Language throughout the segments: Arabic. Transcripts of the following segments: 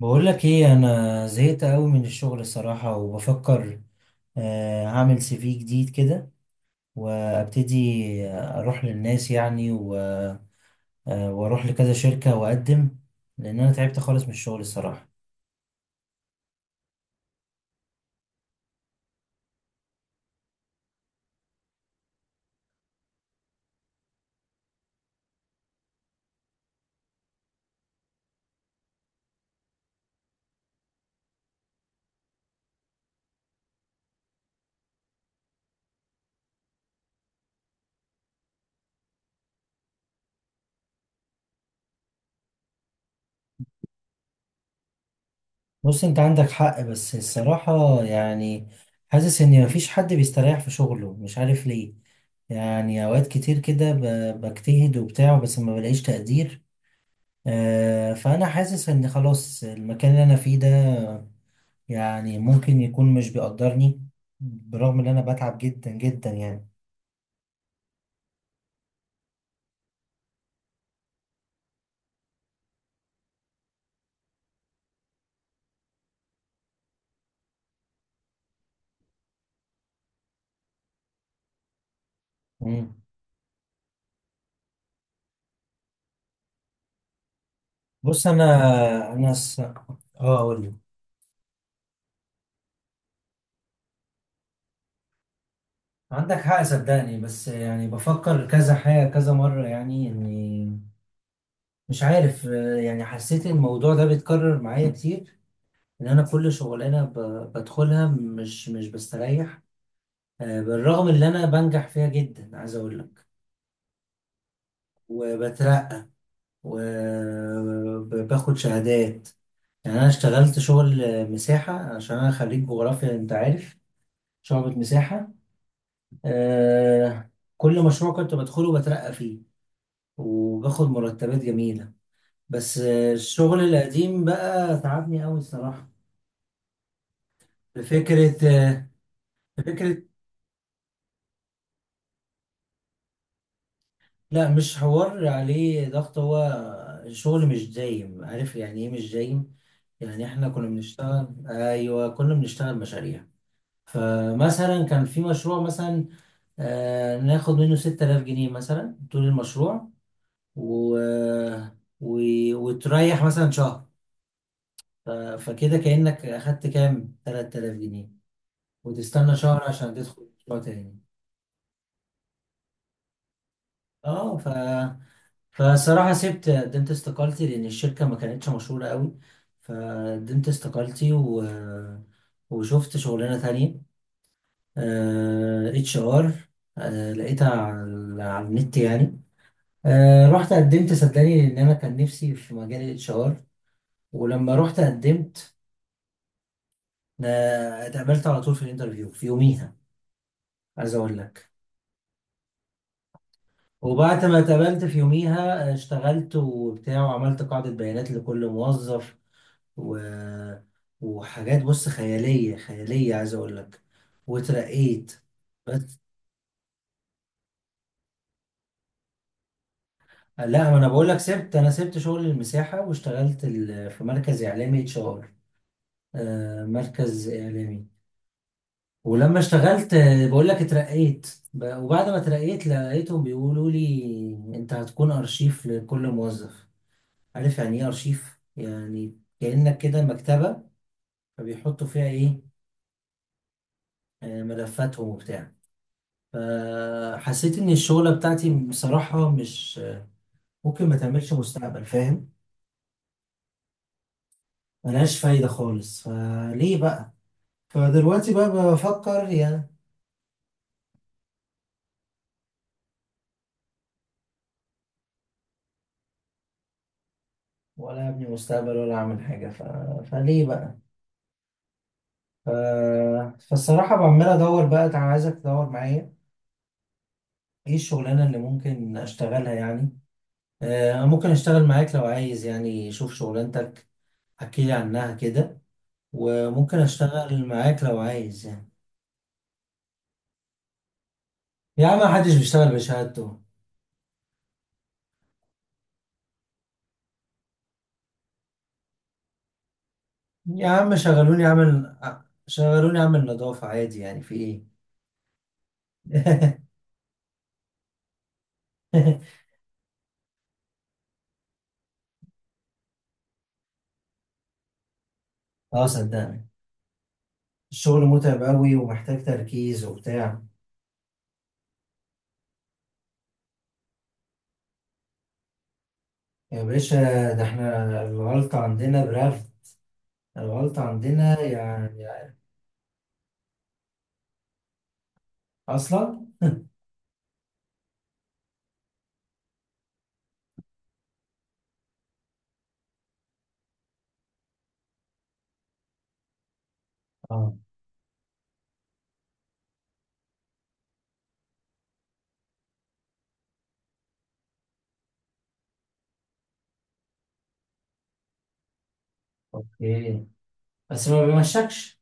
بقول لك ايه؟ انا زهقت قوي من الشغل الصراحة وبفكر، هعمل سي في جديد كده وابتدي، اروح للناس يعني واروح لكذا شركة واقدم، لان انا تعبت خالص من الشغل الصراحة. بص انت عندك حق، بس الصراحة يعني حاسس ان مفيش حد بيستريح في شغله، مش عارف ليه. يعني اوقات كتير كده بجتهد وبتاع بس ما بلاقيش تقدير. فانا حاسس ان خلاص المكان اللي انا فيه ده يعني ممكن يكون مش بيقدرني، برغم ان انا بتعب جدا جدا يعني. مم. بص انا انا س... اه اقول لك، عندك حق صدقني، بس يعني بفكر كذا حاجة كذا مرة يعني اني مش عارف. يعني حسيت الموضوع ده بيتكرر معايا كتير، ان انا كل شغلانة بدخلها مش بستريح. بالرغم ان انا بنجح فيها جدا عايز اقول لك، وبترقى، وباخد شهادات. يعني انا اشتغلت شغل مساحه عشان انا خريج جغرافيا انت عارف، شعبة مساحه. آه كل مشروع كنت بدخله بترقى فيه وباخد مرتبات جميله، بس الشغل القديم بقى تعبني قوي الصراحه. بفكره آه، بفكره. لا، مش حوار عليه ضغط، هو شغل مش دايم، عارف يعني ايه مش دايم؟ يعني احنا كنا بنشتغل، ايوه، كنا بنشتغل مشاريع. فمثلا كان في مشروع مثلا ناخد منه 6000 جنيه مثلا طول المشروع و... و... وتريح مثلا شهر، فكده كأنك أخدت كام 3000 جنيه وتستنى شهر عشان تدخل مشروع تاني. اه ف... فصراحة سبت، قدمت استقالتي لأن الشركة ما كانتش مشهورة قوي، فقدمت استقالتي وشفت شغلانة تانية اتش ار، لقيتها على النت يعني. رحت قدمت صدقني لان انا كان نفسي في مجال الاتش ار، ولما رحت قدمت اتقابلت على طول في الانترفيو في يوميها عايز اقول لك. وبعد ما اتقابلت في يوميها اشتغلت وبتاع، وعملت قاعدة بيانات لكل موظف، و... وحاجات، بص، خيالية خيالية عايز اقول لك، وترقيت. بس لا، ما انا بقول لك، انا سبت شغل المساحة واشتغلت في مركز اعلامي اتش ار، مركز اعلامي. ولما اشتغلت، بقول لك اترقيت، وبعد ما اترقيت لقيتهم بيقولوا لي انت هتكون ارشيف لكل موظف. عارف يعني ايه ارشيف؟ يعني كأنك كده مكتبة، فبيحطوا فيها ايه؟ ملفاتهم وبتاع. فحسيت ان الشغلة بتاعتي بصراحة مش ممكن ما تعملش مستقبل، فاهم؟ ملهاش فايدة خالص، فليه بقى؟ فدلوقتي بقى بفكر يعني، ولا ابني مستقبل ولا اعمل حاجة فليه بقى؟ فالصراحة عمال أدور بقى، أنا عايزك تدور معايا إيه الشغلانة اللي ممكن أشتغلها يعني. ممكن أشتغل معاك لو عايز يعني، شوف شغلانتك احكيلي عنها كده، وممكن أشتغل معاك لو عايز يعني. يا عم محدش بيشتغل بشهادته، يا عم شغلوني أعمل نظافة عادي يعني في إيه؟ أه صدقني، الشغل متعب أوي ومحتاج تركيز وبتاع. يا باشا، ده إحنا الغلطة عندنا برغي، الغلطة عندنا يعني أصلا. اه، اوكي، بس ما بيمشكش.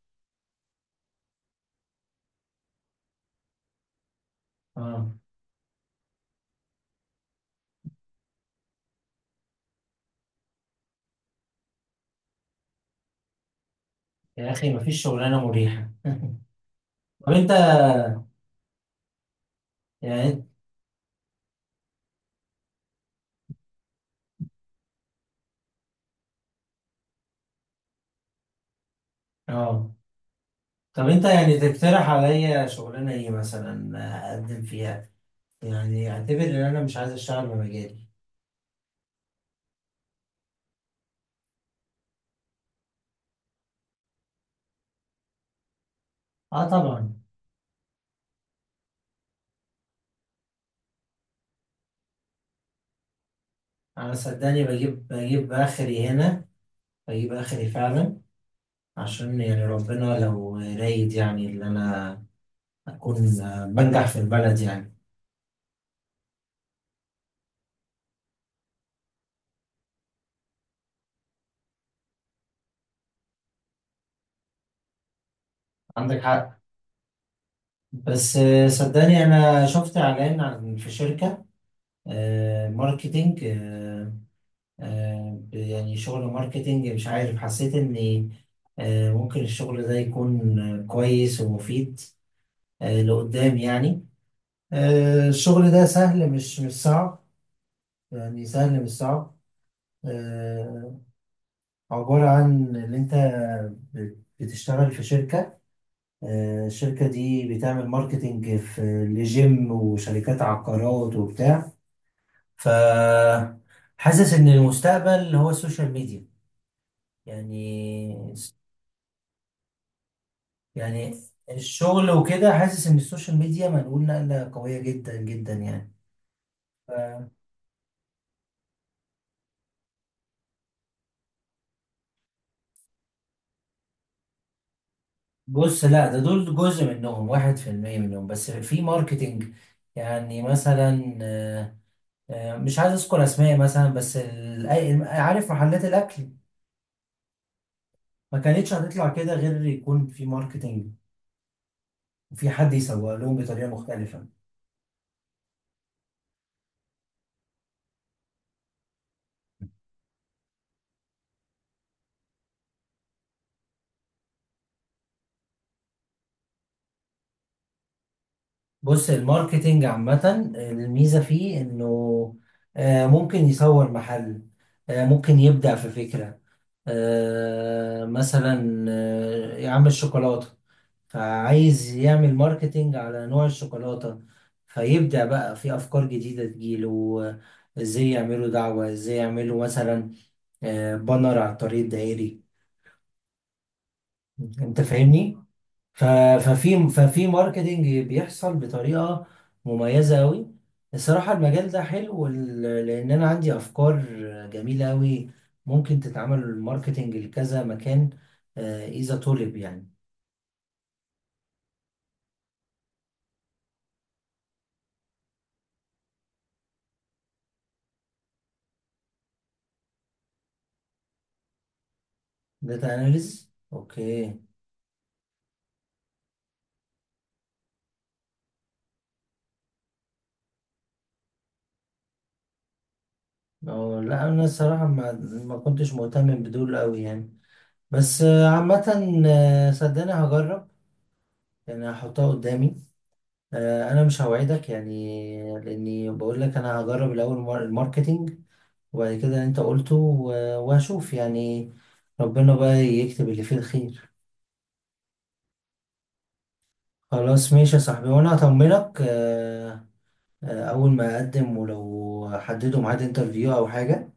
اه، يا أخي مفيش شغلانة مريحة. طب أنت يعني اه طب أنت يعني تقترح عليا شغلانة إيه مثلا أقدم فيها؟ يعني أعتبر إن أنا مش عايز أشتغل بمجالي. اه طبعا. أنا صدقني بجيب آخري هنا، بجيب آخري فعلا، عشان يعني ربنا لو رايد يعني إن أنا أكون بنجح في البلد يعني. عندك حق، بس صدقني انا شفت اعلان عن في شركة، ماركتينج، يعني شغل ماركتينج مش عارف، حسيت ان ممكن الشغل ده يكون كويس ومفيد لقدام يعني. الشغل ده سهل، مش صعب، يعني سهل مش صعب. آه، عبارة عن ان انت بتشتغل في شركة، الشركة دي بتعمل ماركتينج في لجيم وشركات عقارات وبتاع، ف حاسس ان المستقبل هو السوشيال ميديا يعني يعني الشغل وكده، حاسس ان السوشيال ميديا منقول نقلة قوية جدا جدا يعني. ف- بص لا، ده دول جزء منهم، 1% منهم بس في ماركتينج. يعني مثلا، مش عايز اذكر اسماء مثلا، بس عارف محلات الاكل ما كانتش هتطلع كده غير يكون في ماركتينج وفي حد يسوق لهم بطريقة مختلفة. بص الماركتينج عامة الميزة فيه إنه ممكن يصور محل، ممكن يبدع في فكرة، مثلا يعمل الشوكولاتة، فعايز يعمل ماركتينج على نوع الشوكولاتة، فيبدع بقى في أفكار جديدة تجيله، إزاي يعملوا دعوة، إزاي يعملوا مثلا بانر على الطريق الدائري، أنت فاهمني؟ ف- ففي ماركتينج بيحصل بطريقة مميزة أوي، الصراحة المجال ده حلو لأن أنا عندي أفكار جميلة أوي، ممكن تتعمل الماركتينج لكذا مكان إذا طلب يعني. داتا أناليز، أوكي. أه لا، أنا الصراحة ما كنتش مهتم بدول أوي يعني، بس عامة صدقني هجرب، يعني هحطها قدامي. أنا مش هوعدك يعني، لأني بقول لك أنا هجرب الأول الماركتينج، وبعد كده انت قلته وهشوف يعني، ربنا بقى يكتب اللي فيه الخير. خلاص ماشي يا صاحبي، وانا هطمنك اول ما اقدم ولو حددوا ميعاد انترفيو او حاجة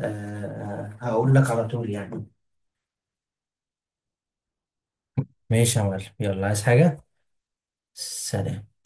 هقول لك على طول يعني. ماشي يا معلم، يلا، عايز حاجة؟ سلام.